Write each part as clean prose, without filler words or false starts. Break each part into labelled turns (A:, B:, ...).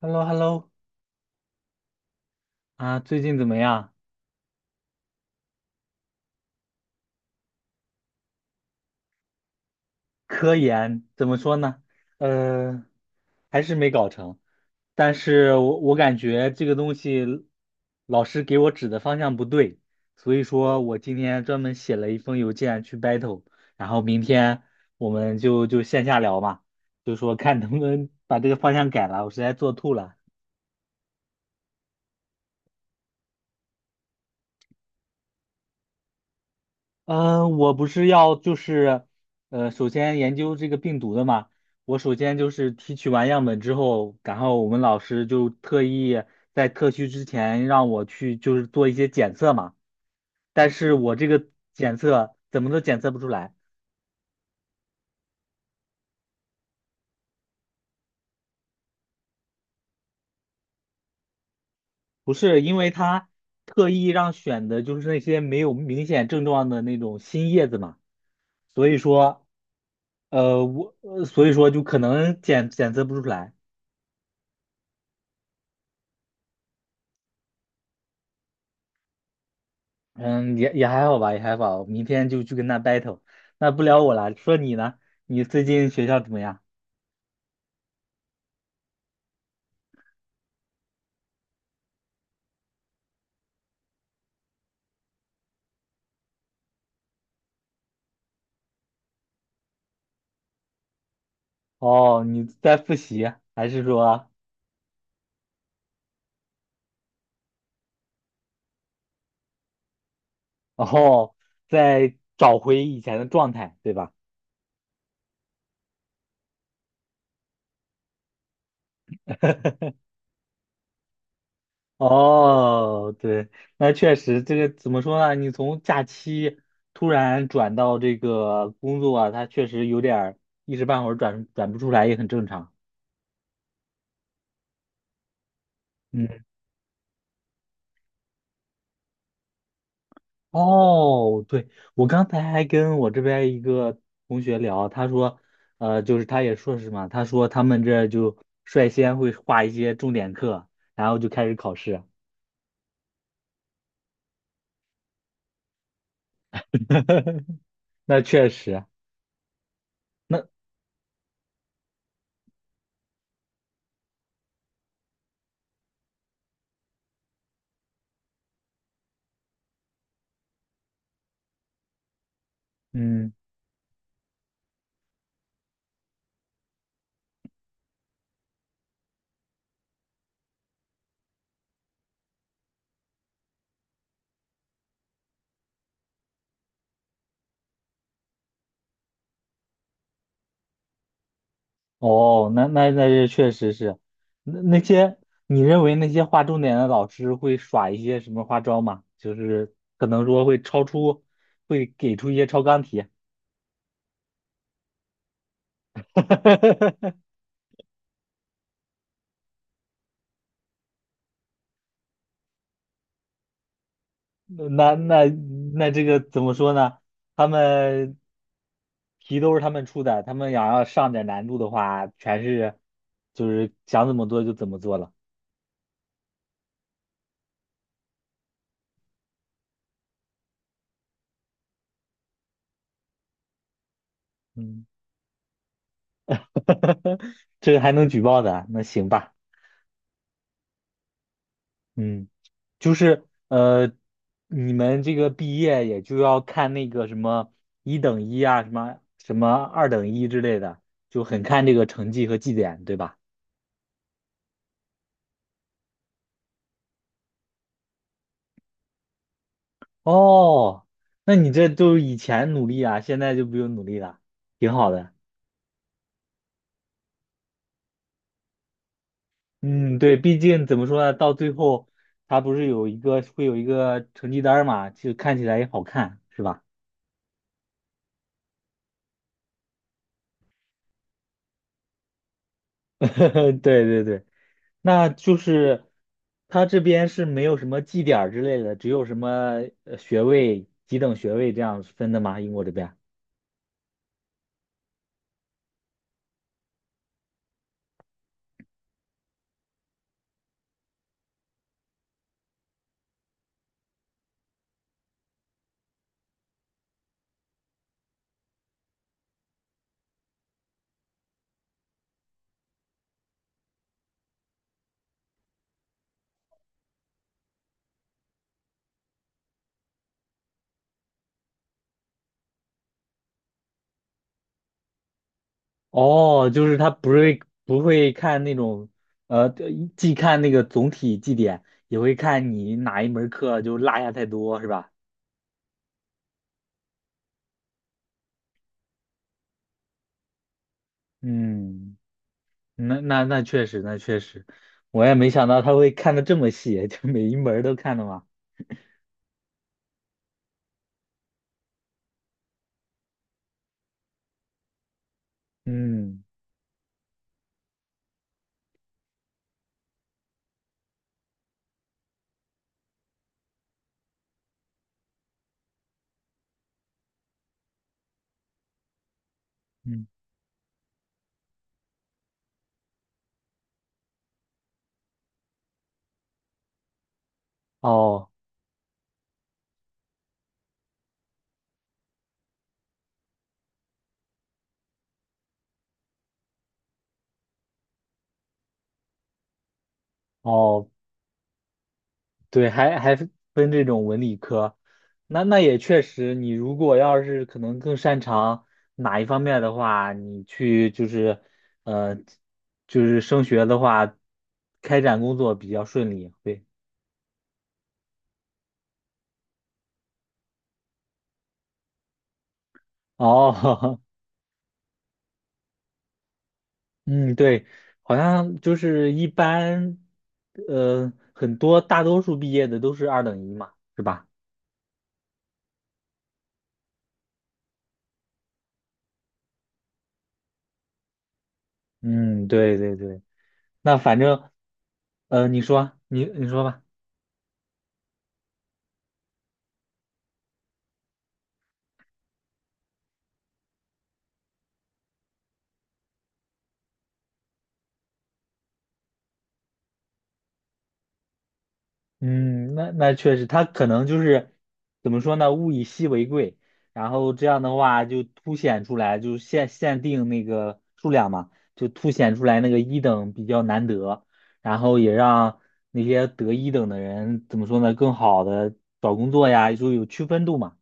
A: h e l l o h e l l o 啊，最近怎么样？科研怎么说呢？呃，还是没搞成，但是我感觉这个东西老师给我指的方向不对，所以说我今天专门写了一封邮件去 battle，然后明天我们就线下聊嘛，就说看能不能把这个方向改了，我实在做吐了。嗯，我不是要就是，首先研究这个病毒的嘛。我首先就是提取完样本之后，然后我们老师就特意在特需之前让我去就是做一些检测嘛。但是我这个检测怎么都检测不出来，不是因为他特意让选的就是那些没有明显症状的那种新叶子嘛，所以说，我，所以说就可能检测不出来。嗯，也还好吧，也还好。明天就去跟他 battle，那不聊我了。说你呢？你最近学校怎么样？哦，你在复习，还是说，哦，在找回以前的状态，对吧？哦，对，那确实，这个怎么说呢？你从假期突然转到这个工作啊，它确实有点儿一时半会儿转不出来，也很正常。嗯。哦，对，我刚才还跟我这边一个同学聊，他说，就是他也硕士嘛，他说他们这就率先会画一些重点课，然后就开始考试。那确实，那嗯，哦，那这确实是，那那些你认为那些画重点的老师会耍一些什么花招吗？就是可能说会超出，会给出一些超纲题。那那那这个怎么说呢？他们题都是他们出的，他们想要上点难度的话，全是就是想怎么做就怎么做了。嗯，这个还能举报的，那行吧。嗯，就是呃，你们这个毕业也就要看那个什么一等一啊，什么什么二等一之类的，就很看这个成绩和绩点，对吧？哦，那你这都以前努力啊，现在就不用努力了，挺好的。嗯，对，毕竟怎么说呢，到最后他不是有一个会有一个成绩单儿嘛，就看起来也好看，是吧？对对对，那就是他这边是没有什么绩点儿之类的，只有什么学位、几等学位这样分的吗？英国这边？哦，就是他不会看那种，呃，既看那个总体绩点，也会看你哪一门课就落下太多，是吧？嗯，那确实，那确实，我也没想到他会看的这么细，就每一门儿都看的嘛。嗯嗯，哦哦，对，还分这种文理科，那也确实，你如果要是可能更擅长哪一方面的话，你去就是，呃，就是升学的话，开展工作比较顺利。对，哦，嗯，对，好像就是一般，大多数毕业的都是二等一嘛，是吧？嗯，对对对，那反正，你说，你说吧。嗯，那确实，他可能就是怎么说呢？物以稀为贵，然后这样的话就凸显出来，就限定那个数量嘛，就凸显出来那个一等比较难得，然后也让那些得一等的人怎么说呢？更好的找工作呀，就有区分度嘛。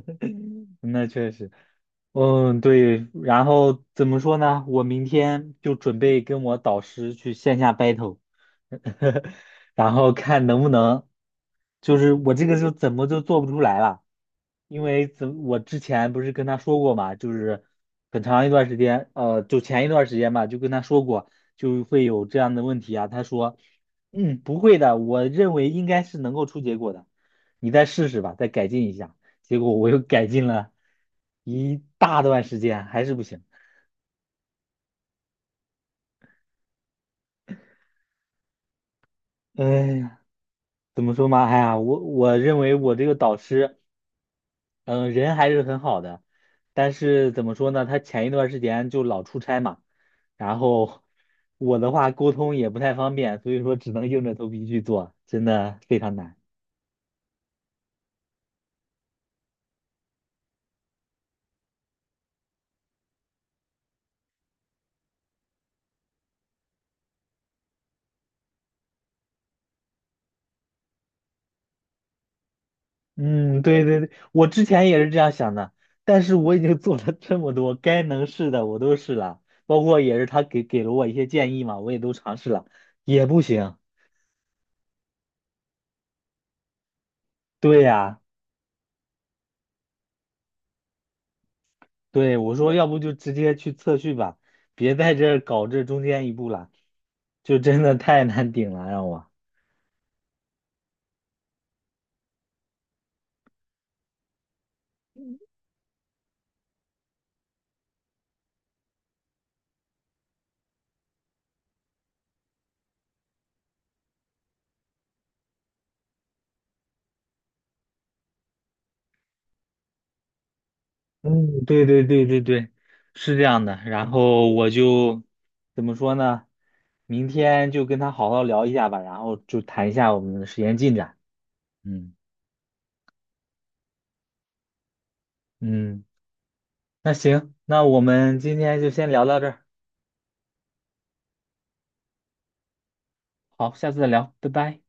A: 那确实。嗯，对，然后怎么说呢？我明天就准备跟我导师去线下 battle，然后看能不能，就是我这个就怎么就做不出来了，因为我之前不是跟他说过嘛，就是很长一段时间，就前一段时间吧，就跟他说过，就会有这样的问题啊。他说，嗯，不会的，我认为应该是能够出结果的，你再试试吧，再改进一下。结果我又改进了一大段时间，还是不行。哎呀，怎么说嘛？哎呀，我认为我这个导师，嗯、人还是很好的，但是怎么说呢？他前一段时间就老出差嘛，然后我的话沟通也不太方便，所以说只能硬着头皮去做，真的非常难。嗯，对对对，我之前也是这样想的，但是我已经做了这么多，该能试的我都试了，包括也是他给了我一些建议嘛，我也都尝试了，也不行。对呀，对，我说要不就直接去测序吧，别在这儿搞这中间一步了，就真的太难顶了，让我。嗯，对对对对对，是这样的。然后我就怎么说呢？明天就跟他好好聊一下吧，然后就谈一下我们的实验进展。嗯嗯。那行，那我们今天就先聊到这儿，好，下次再聊，拜拜。